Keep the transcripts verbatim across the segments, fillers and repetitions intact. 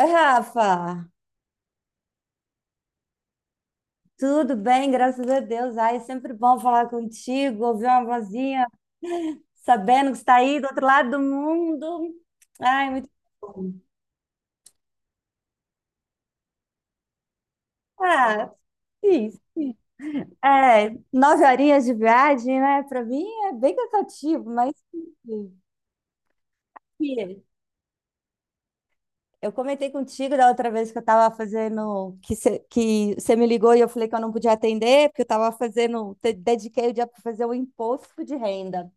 Oi, Rafa, tudo bem? Graças a Deus. Ai, é sempre bom falar contigo, ouvir uma vozinha, sabendo que está aí do outro lado do mundo. Ai, muito bom. Ah, sim. É, nove horinhas de viagem, né? Para mim é bem cansativo, mas sim. Eu comentei contigo da outra vez que eu estava fazendo, que você que você me ligou e eu falei que eu não podia atender, porque eu estava fazendo, te- dediquei o dia para fazer o imposto de renda.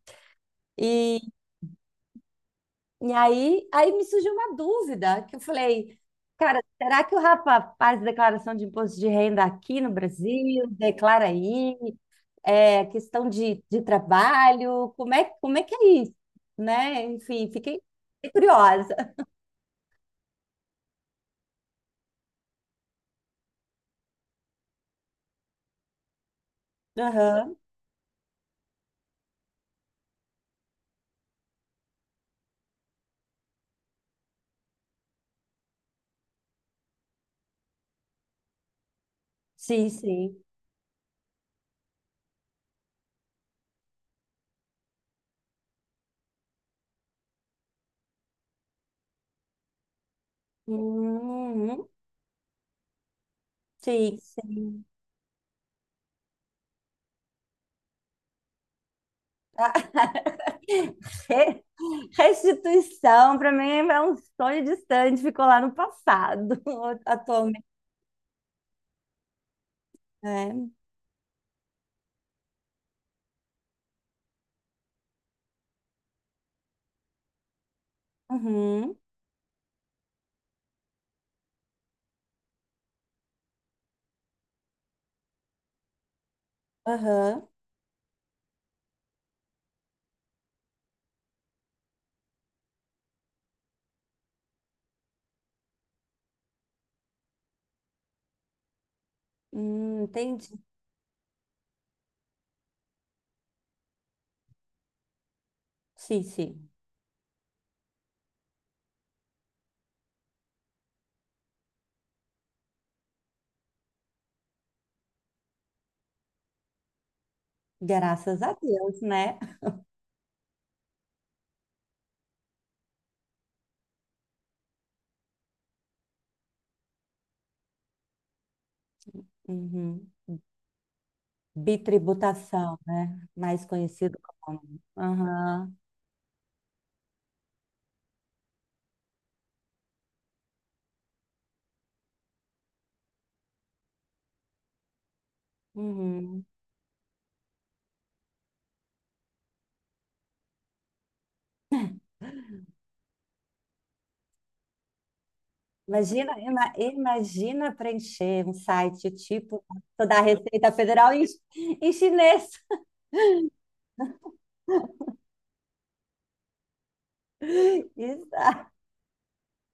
E aí, aí me surgiu uma dúvida, que eu falei, cara, será que o rapaz faz declaração de imposto de renda aqui no Brasil? Declara aí, é questão de, de trabalho, como é, como é que é isso, né? Enfim, fiquei fiquei curiosa. Aham, sim, sim. Uhum, sim, sim. Ah, restituição, para mim, é um sonho distante, ficou lá no passado, atualmente. É. Uhum. Aham. Hum, entendi. Sim, sim. Graças a Deus, né? Uhum. Bitributação, né? Mais conhecido como. Aham. Uhum. Imagina, ima- imagina preencher um site tipo da Receita Federal em, em chinês. Isso,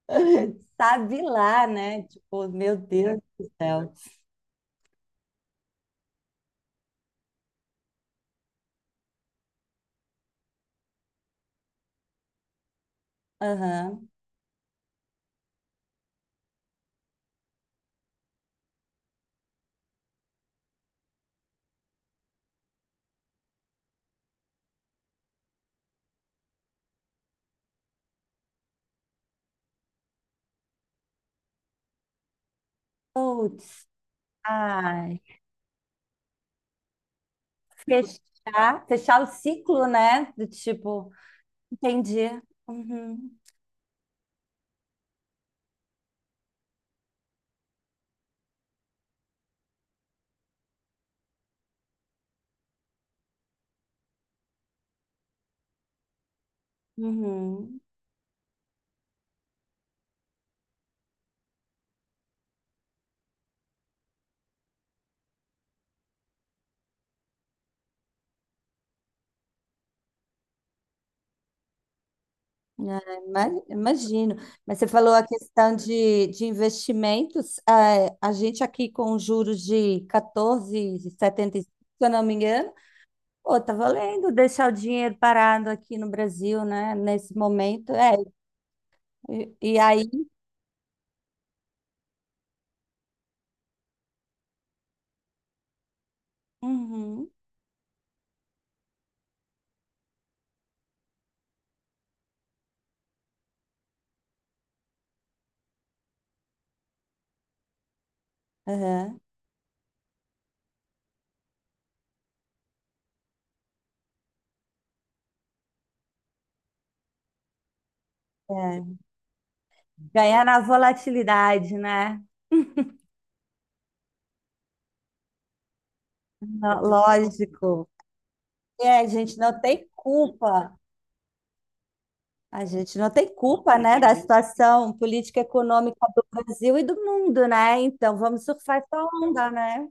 sabe lá, né? Tipo, meu Deus do céu. Aham. Putz, ai. Fechar, fechar o ciclo, né? Do tipo. Entendi. Uhum, uhum. É, ima- imagino. Mas você falou a questão de, de investimentos. É, a gente aqui com juros de catorze vírgula setenta e cinco, se eu não me engano, pô, tá valendo deixar o dinheiro parado aqui no Brasil, né? Nesse momento. É, e, e aí. Uhum, uhum, é. Ganhar na volatilidade, né? Não, lógico. É, a gente não tem culpa. A gente não tem culpa, né, da situação política e econômica do Brasil e do mundo, né? Então vamos surfar essa onda, né?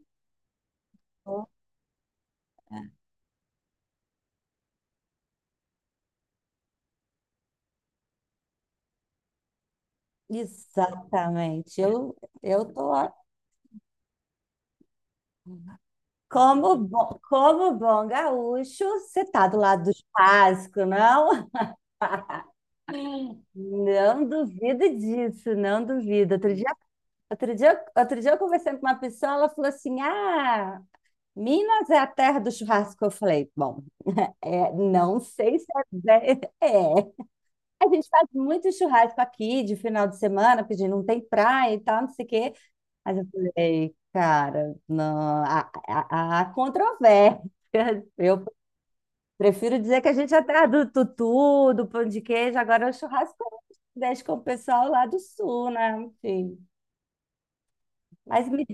Exatamente. Eu, eu tô lá. Como bom, como bom gaúcho, você tá do lado dos churrasco, não? Não duvido disso, não duvido. Outro dia, outro dia, outro dia eu conversei com uma pessoa, ela falou assim: Ah, Minas é a terra do churrasco. Eu falei: Bom, é, não sei se é, bem- é. A gente faz muito churrasco aqui de final de semana, porque a gente não tem praia e tal, não sei o quê. Mas eu falei, cara, não, há, há, há controvérsia. Eu prefiro dizer que a gente atrás do tutu, do pão de queijo, agora é o churrasco deixa com o pessoal lá do sul, né? Enfim. Mas me-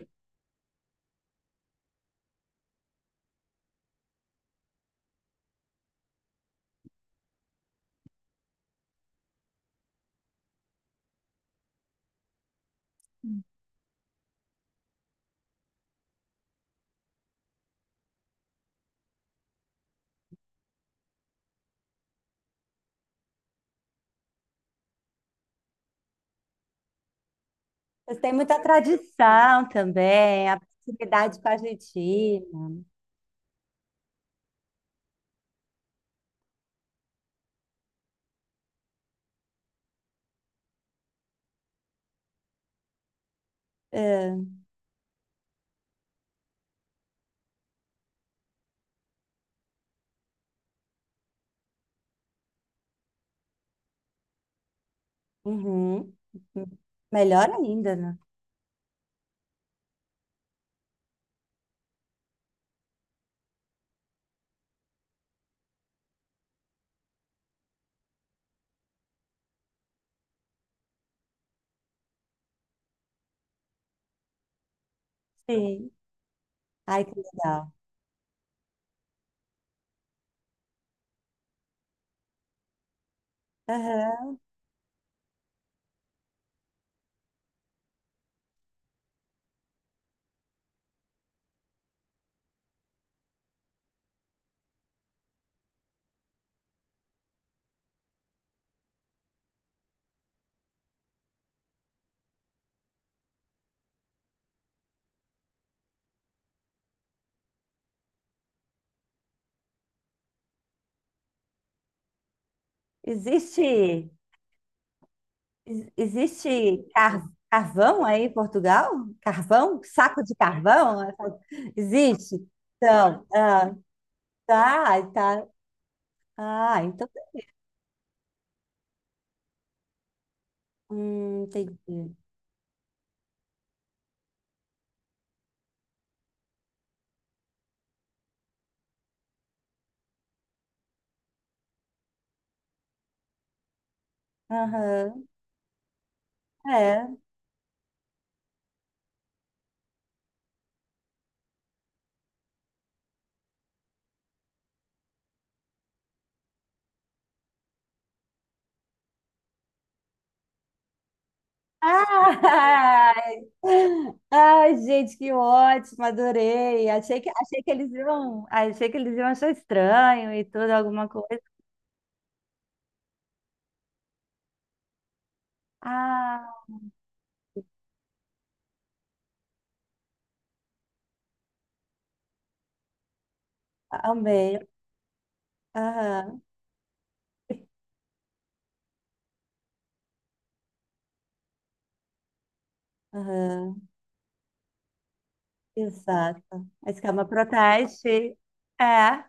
vocês têm muita tradição também, a proximidade com a Argentina. É, uhum. Melhor ainda, né? Sim. Ai, que legal. Aham. Existe, ex- existe car- carvão aí em Portugal? Carvão? Saco de carvão? Existe? Então, ah, tá, tá. Ah, então. Hum, entendi. Aham, é. Ah, ai, gente, que ótimo, adorei. Achei que, achei que eles iam, achei que eles iam achar estranho e tudo, alguma coisa. Ah, amei. Aham, aham. Exato. A escama protege. É.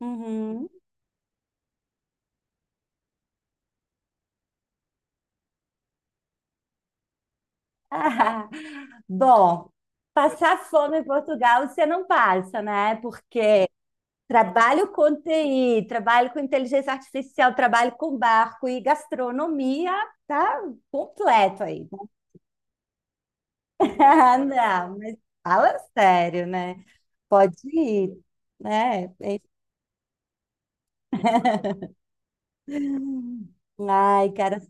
Uhum. Ah, bom, passar fome em Portugal você não passa, né? Porque trabalho com T I, trabalho com inteligência artificial, trabalho com barco e gastronomia, tá completo aí. Ah, não, mas fala sério, né? Pode ir, né? Ai, cara,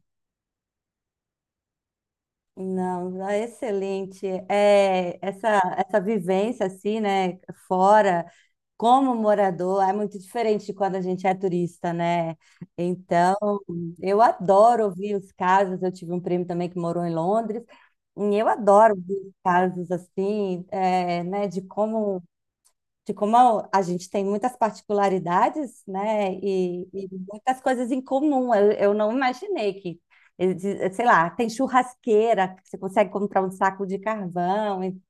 não, é excelente. É, essa, essa vivência assim, né, fora, como morador, é muito diferente de quando a gente é turista, né? Então, eu adoro ouvir os casos. Eu tive um primo também que morou em Londres, e eu adoro ouvir os casos assim, é, né, de como de como a a gente tem muitas particularidades, né, e, e muitas coisas em comum. Eu, eu não imaginei que, exi- sei lá, tem churrasqueira, que você consegue comprar um saco de carvão. E-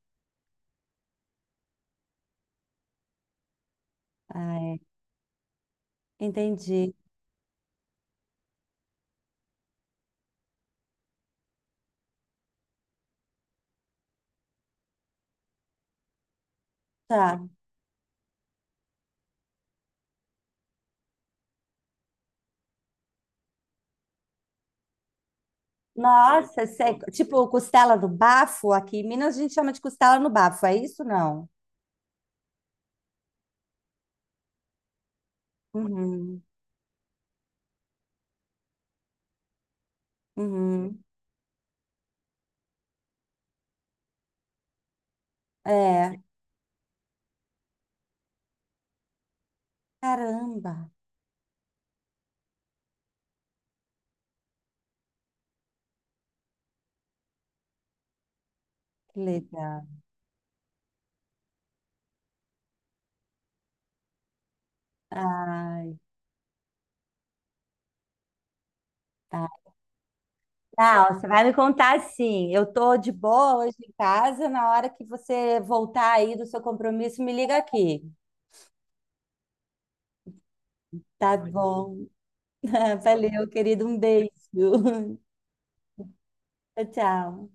Ah, é. Entendi. Tá. Nossa, sei, tipo costela do bafo, aqui em Minas a gente chama de costela no bafo, é isso não? Uhum, uhum. É, caramba, que legal. Ai, tá. Não, você vai me contar sim. Eu tô de boa hoje em casa. Na hora que você voltar aí do seu compromisso, me liga aqui. Tá bom. Valeu, querido. Um beijo. Tchau, tchau.